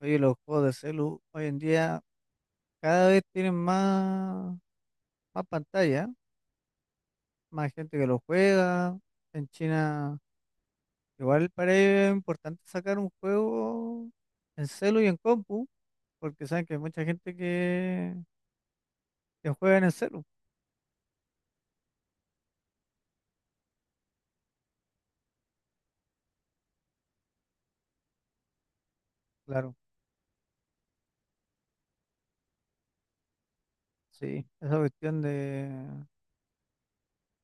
Oye, los juegos de celu hoy en día cada vez tienen más pantalla, más gente que lo juega. En China, igual para ellos es importante sacar un juego en celu y en compu, porque saben que hay mucha gente que juega en el celu. Claro, sí, esa cuestión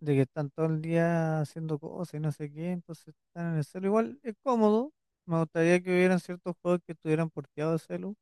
de que están todo el día haciendo cosas y no sé qué, entonces están en el celu. Igual es cómodo. Me gustaría que hubieran ciertos juegos que estuvieran porteados de celu,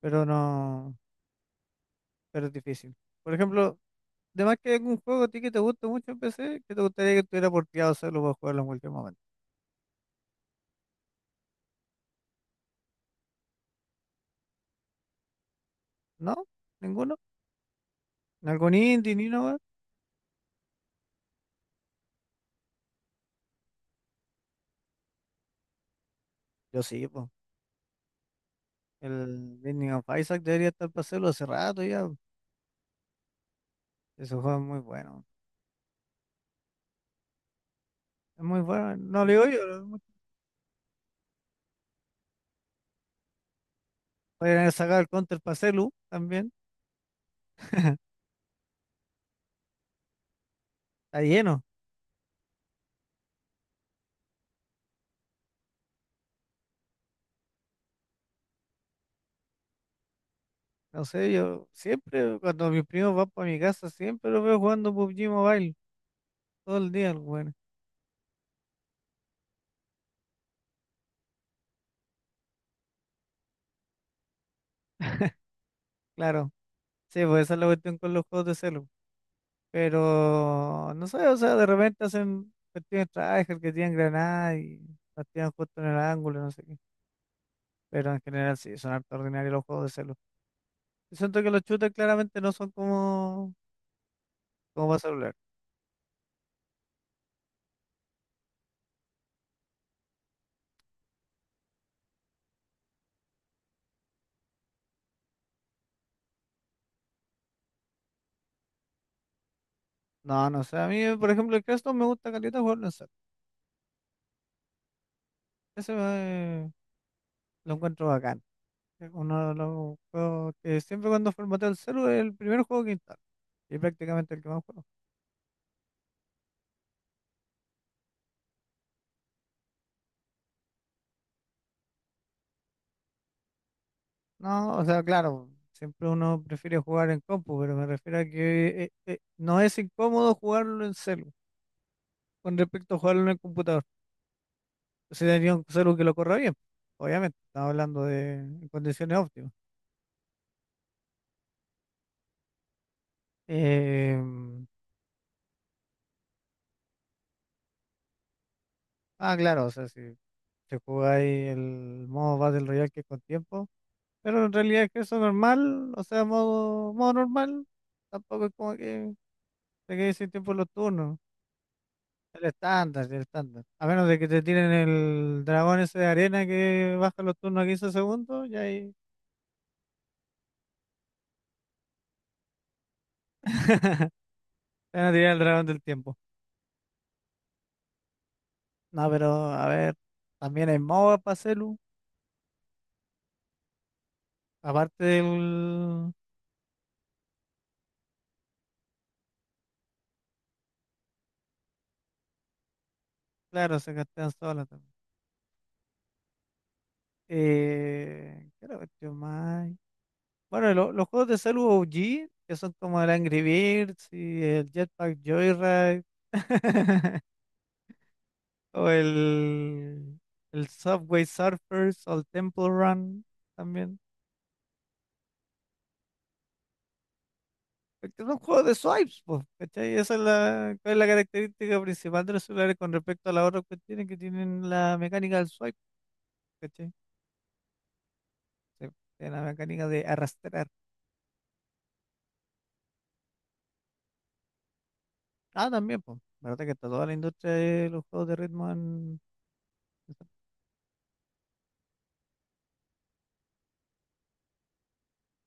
pero no. Pero es difícil. Por ejemplo, de más que algún juego a ti que te guste mucho en PC, que te gustaría que estuviera porteado solo para jugarlo en cualquier momento. ¿No? ¿Ninguno? ¿Algún indie ni nada? Yo sí, pues. El Binding of Isaac debería estar para hacerlo hace rato ya. Ese juego es muy bueno. Es muy bueno. No le digo yo. Mucho. Podrían haber sacado el Counter para celu también. Está lleno. No sé, yo siempre, cuando mis primos van para mi casa, siempre los veo jugando PUBG Mobile. Todo el día, bueno. Claro. Sí, pues esa es la cuestión con los juegos de celu. Pero no sé, o sea, de repente hacen cuestiones tryhard que tienen granada y las tiran justo en el ángulo, no sé qué. Pero en general sí, son harto ordinarios los juegos de celu. Yo siento que los shooters claramente no son como, como para celular. No, no sé, a mí, por ejemplo, el Crash dos me gusta caleta jugarlo en celu. Ese me- lo encuentro bacán. Es uno de los juegos que siempre cuando formateo el celu es el primer juego que instalo. Y prácticamente el que más juego. No, o sea, claro, siempre uno prefiere jugar en compu, pero me refiero a que no es incómodo jugarlo en celu con respecto a jugarlo en el computador. Si tenía un celu que lo corra bien, obviamente, estamos hablando de en condiciones óptimas. Em, claro, o sea, si te jugáis el modo Battle Royale que es con tiempo, pero en realidad es que eso normal, o sea, modo normal, tampoco es como que te quedes sin tiempo en los turnos. El estándar. A menos de que te tiren el dragón ese de arena que baja los turnos a 15 segundos, y ahí te van a tirar el dragón del tiempo. No, pero a ver, también hay MOBA para celu. Aparte del. Claro, se castean solas también. ¿Qué otra cuestión más hay? Bueno, los juegos de celu OG, que son como el Angry Birds y el Jetpack Joyride. O el, el Subway Surfers o el Temple Run también. Porque son juegos de swipes, pues, ¿cachai? Esa es cuál es la característica principal de los celulares con respecto a las otras cuestiones que tienen la mecánica del swipe, ¿cachai? Sí, tienen la mecánica de arrastrar. Ah, también, pues, la verdad que está toda la industria de los juegos de ritmo en...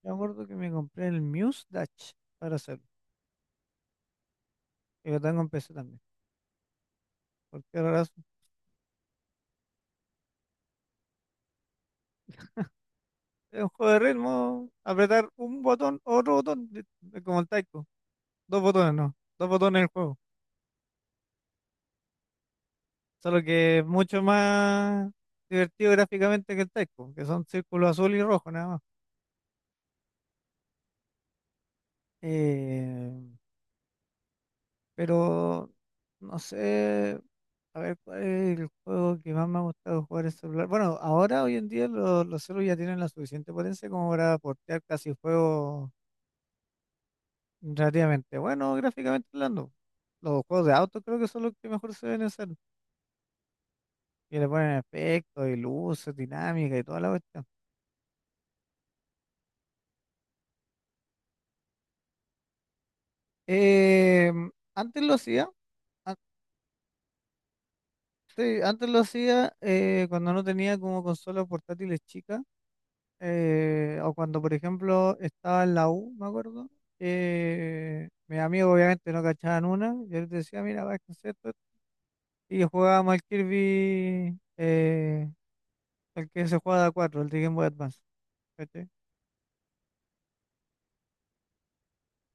Yo me acuerdo que me compré el Muse Dash para hacerlo. Y lo tengo en PC también. ¿Por qué razón? Es un juego de ritmo, apretar un botón, otro botón, es como el taiko. Dos botones, no. Dos botones en el juego. Solo que es mucho más divertido gráficamente que el Taiko, que son círculos azul y rojo nada más. Eh, pero no sé, a ver cuál es el juego que más me ha gustado jugar en celular. Bueno, ahora hoy en día los celulares ya tienen la suficiente potencia como para portear casi juegos relativamente buenos gráficamente hablando. Los juegos de auto creo que son los que mejor se ven en celu. Y le ponen efectos y luces, dinámica y toda la cuestión. Eh, antes lo hacía, antes lo hacía cuando no tenía como consolas portátiles chicas, o cuando por ejemplo estaba en la U, me acuerdo, mis amigos obviamente no cachaban una, yo les decía, mira, va a esto, y jugábamos al Kirby, el que se juega de a 4, el de Game Boy Advance, ¿cachai?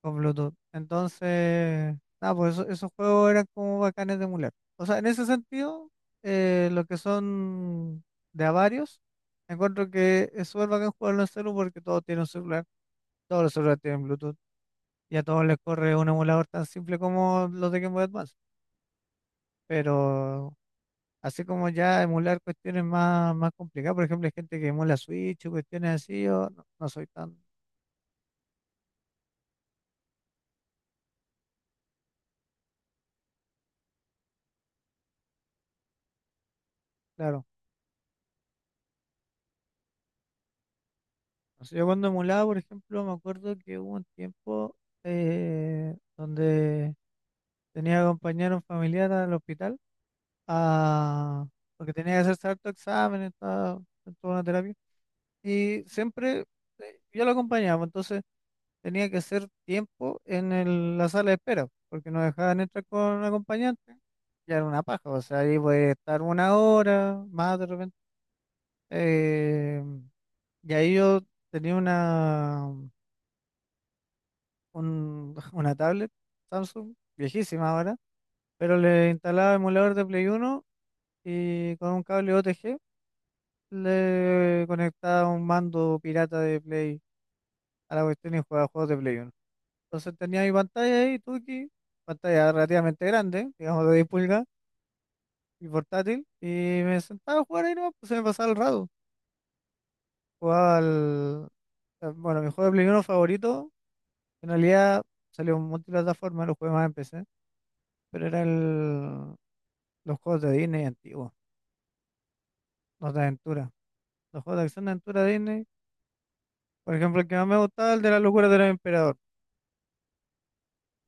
Con Bluetooth. Entonces, nada, pues esos juegos eran como bacanes de emular. O sea, en ese sentido, lo que son de a varios, encuentro que es súper bacán jugarlo en celu porque todos tienen un celular, todos los celulares tienen Bluetooth y a todos les corre un emulador tan simple como los de Game Boy Advance. Pero así como ya emular cuestiones más complicadas, por ejemplo, hay gente que emula Switch o cuestiones así, yo no soy tan claro. No sé, yo cuando emulaba, por ejemplo, me acuerdo que hubo un tiempo donde tenía que acompañar a un familiar al hospital a- porque tenía que hacerse harto examen, estaba en toda una terapia. Y siempre yo lo acompañaba, entonces tenía que hacer tiempo en la sala de espera, porque no dejaban entrar con un acompañante. Ya era una paja, o sea, ahí voy a estar 1 hora más de repente. eh, y ahí yo tenía una. Una tablet Samsung, viejísima ahora, pero le instalaba emulador de Play Uno y con un cable OTG le conectaba un mando pirata de Play a la cuestión y jugaba juegos de Play Uno. Entonces tenía mi pantalla ahí, Tuki, pantalla relativamente grande, digamos de 10 pulgadas y portátil, y me sentaba a jugar ahí no, pues se me pasaba el rato. Jugaba al... bueno, mi juego de Play Uno favorito, en realidad salió en multiplataforma, lo jugué más en PC, pero era el... los juegos de Disney antiguos, los de aventura. Los juegos de acción de aventura de Disney, por ejemplo, el que más me gustaba, el de la locura del emperador.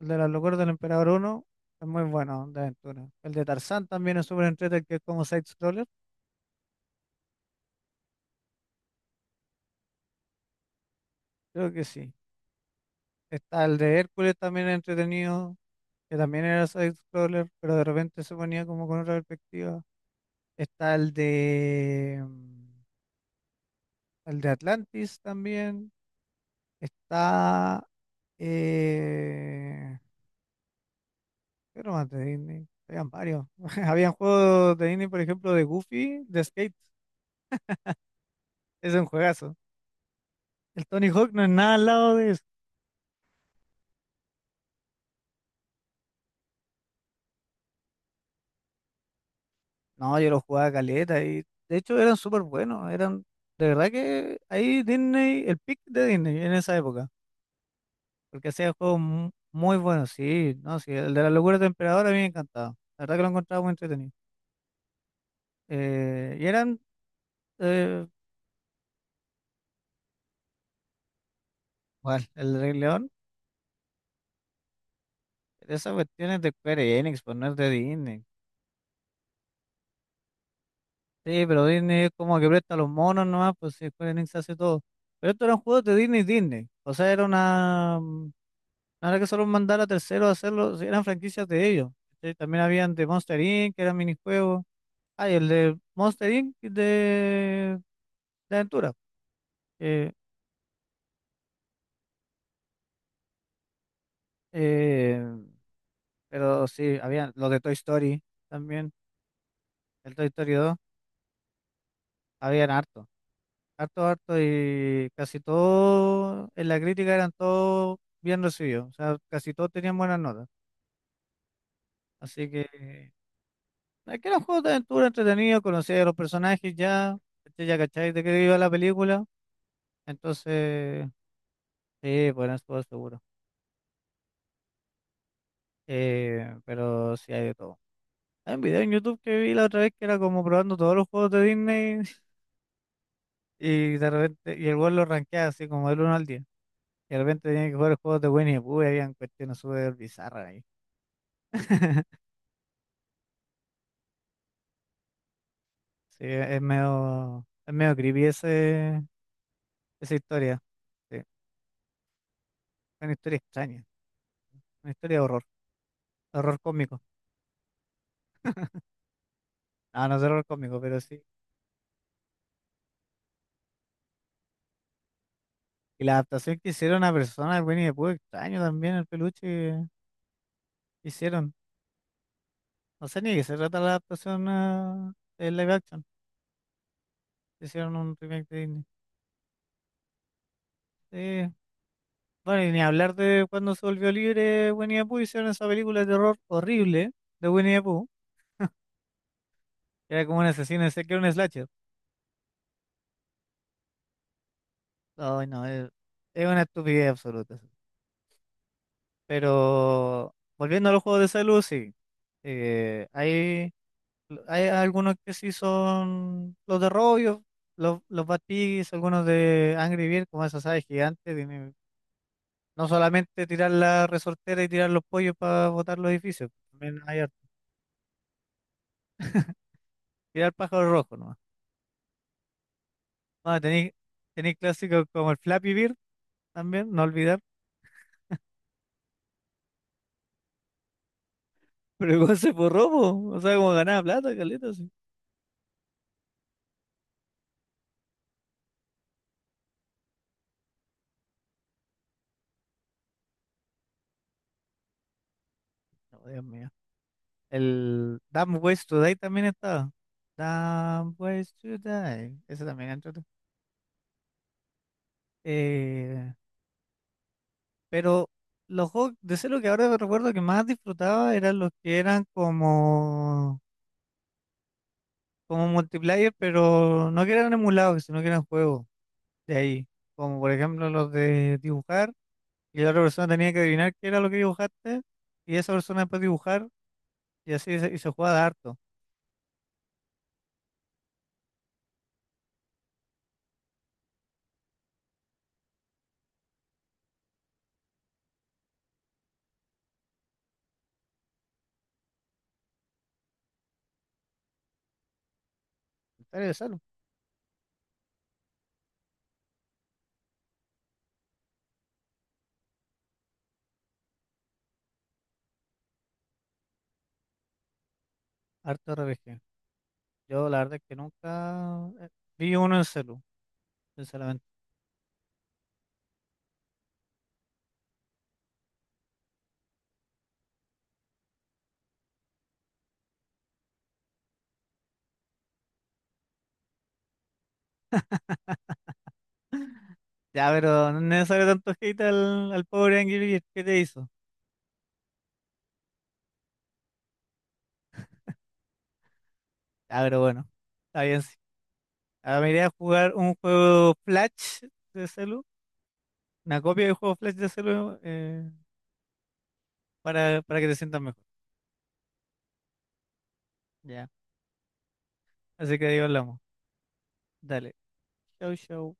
El de la locura del emperador uno es muy bueno, de aventura. El de Tarzán también es súper entretenido, que es como side-scroller, creo que sí. Está el de Hércules también entretenido, que también era side-scroller, pero de repente se ponía como con otra perspectiva. Está el de, el de Atlantis también. Está... eh, ¿Qué nomás de Disney? Habían varios. Habían juegos de Disney, por ejemplo, de Goofy, de Skate. Es un juegazo. El Tony Hawk no es nada al lado de eso. No, yo lo jugaba caleta y de hecho eran súper buenos. De verdad que ahí Disney, el pick de Disney en esa época. Porque hacía juegos muy buenos, sí, no, sí. El de la locura del emperador a mí me encantaba. La verdad que lo encontraba muy entretenido. Eh, y eran, eh, bueno, el Rey León, esas cuestiones de Square Enix, pues no es de Disney. Sí, pero Disney es como que presta los monos nomás, pues si Square Enix hace todo. Pero estos eran juegos de Disney Disney. O sea, era una... no era que solo mandara a terceros a hacerlo, sí, eran franquicias de ellos. ¿Cachai? También habían de Monster Inc., que eran minijuegos. Ah, y el de Monster Inc. De aventura. que, eh, pero sí, habían los de Toy Story también, el Toy Story 2, habían harto. Harto, harto y casi todo en la crítica eran todos bien recibidos. O sea, casi todos tenían buenas notas. Así que aquí era un juego de aventura entretenido, conocía a los personajes ya, ¿cachai? Ya cacháis de qué iba la película, entonces sí, bueno, estuvo seguro. Pero sí hay de todo. Hay un video en YouTube que vi la otra vez que era como probando todos los juegos de Disney y de repente, y el weón lo rankeaba así como del uno al 10. Y de repente tenía que jugar juegos de Winnie the Pooh y habían cuestiones súper bizarras ahí. Sí, es medio creepy ese, esa historia. Sí. Es una historia extraña, una historia de horror, horror cósmico. No, no es terror cósmico, pero sí. Y la adaptación que hicieron a personas de Winnie the Pooh, extraño también el peluche que hicieron. No sé ni de qué se trata la adaptación a de live action. Hicieron un remake de Disney. Sí. Bueno, y ni hablar de cuando se volvió libre Winnie the Pooh, hicieron esa película de terror horrible de Winnie the Pooh, que era como un asesino, sé que era un slasher. Ay, no, es una estupidez absoluta. Sí. Pero volviendo a los juegos de salud, sí. Ahí hay algunos que sí son los de Robio, los Bad Piggies, algunos de Angry Birds, como esas aves gigantes. No solamente tirar la resortera y tirar los pollos para botar los edificios, también hay harto. Tirar pájaros rojos nomás. Ah, tenéis clásicos como el Flappy Bird también, no olvidar. Pero igual se borró, po. O sea, como ganaba plata, caleta, sí. No, Dios mío. El Dumb Ways to Die también estaba. Dumb Ways to Die, ese también entró. Pero los juegos de celo que ahora recuerdo que más disfrutaba eran los que eran como, como multiplayer, pero no que eran emulados, sino que eran juegos de ahí. Como por ejemplo los de dibujar, y la otra persona tenía que adivinar qué era lo que dibujaste, y esa persona después dibujar, y así y se jugaba de harto. En de celu, harto RPG. Yo la verdad es que nunca vi uno en celu, sinceramente. Ya, pero no es necesario tanto hate al pobre Angry Birds, ¿qué te hizo? Ya, pero bueno. Está bien, ah, me iré a jugar un juego Flash de celu, una copia de juego Flash de celu para que te sientas mejor. Ya. Así que ahí hablamos. Dale. Chau, chau.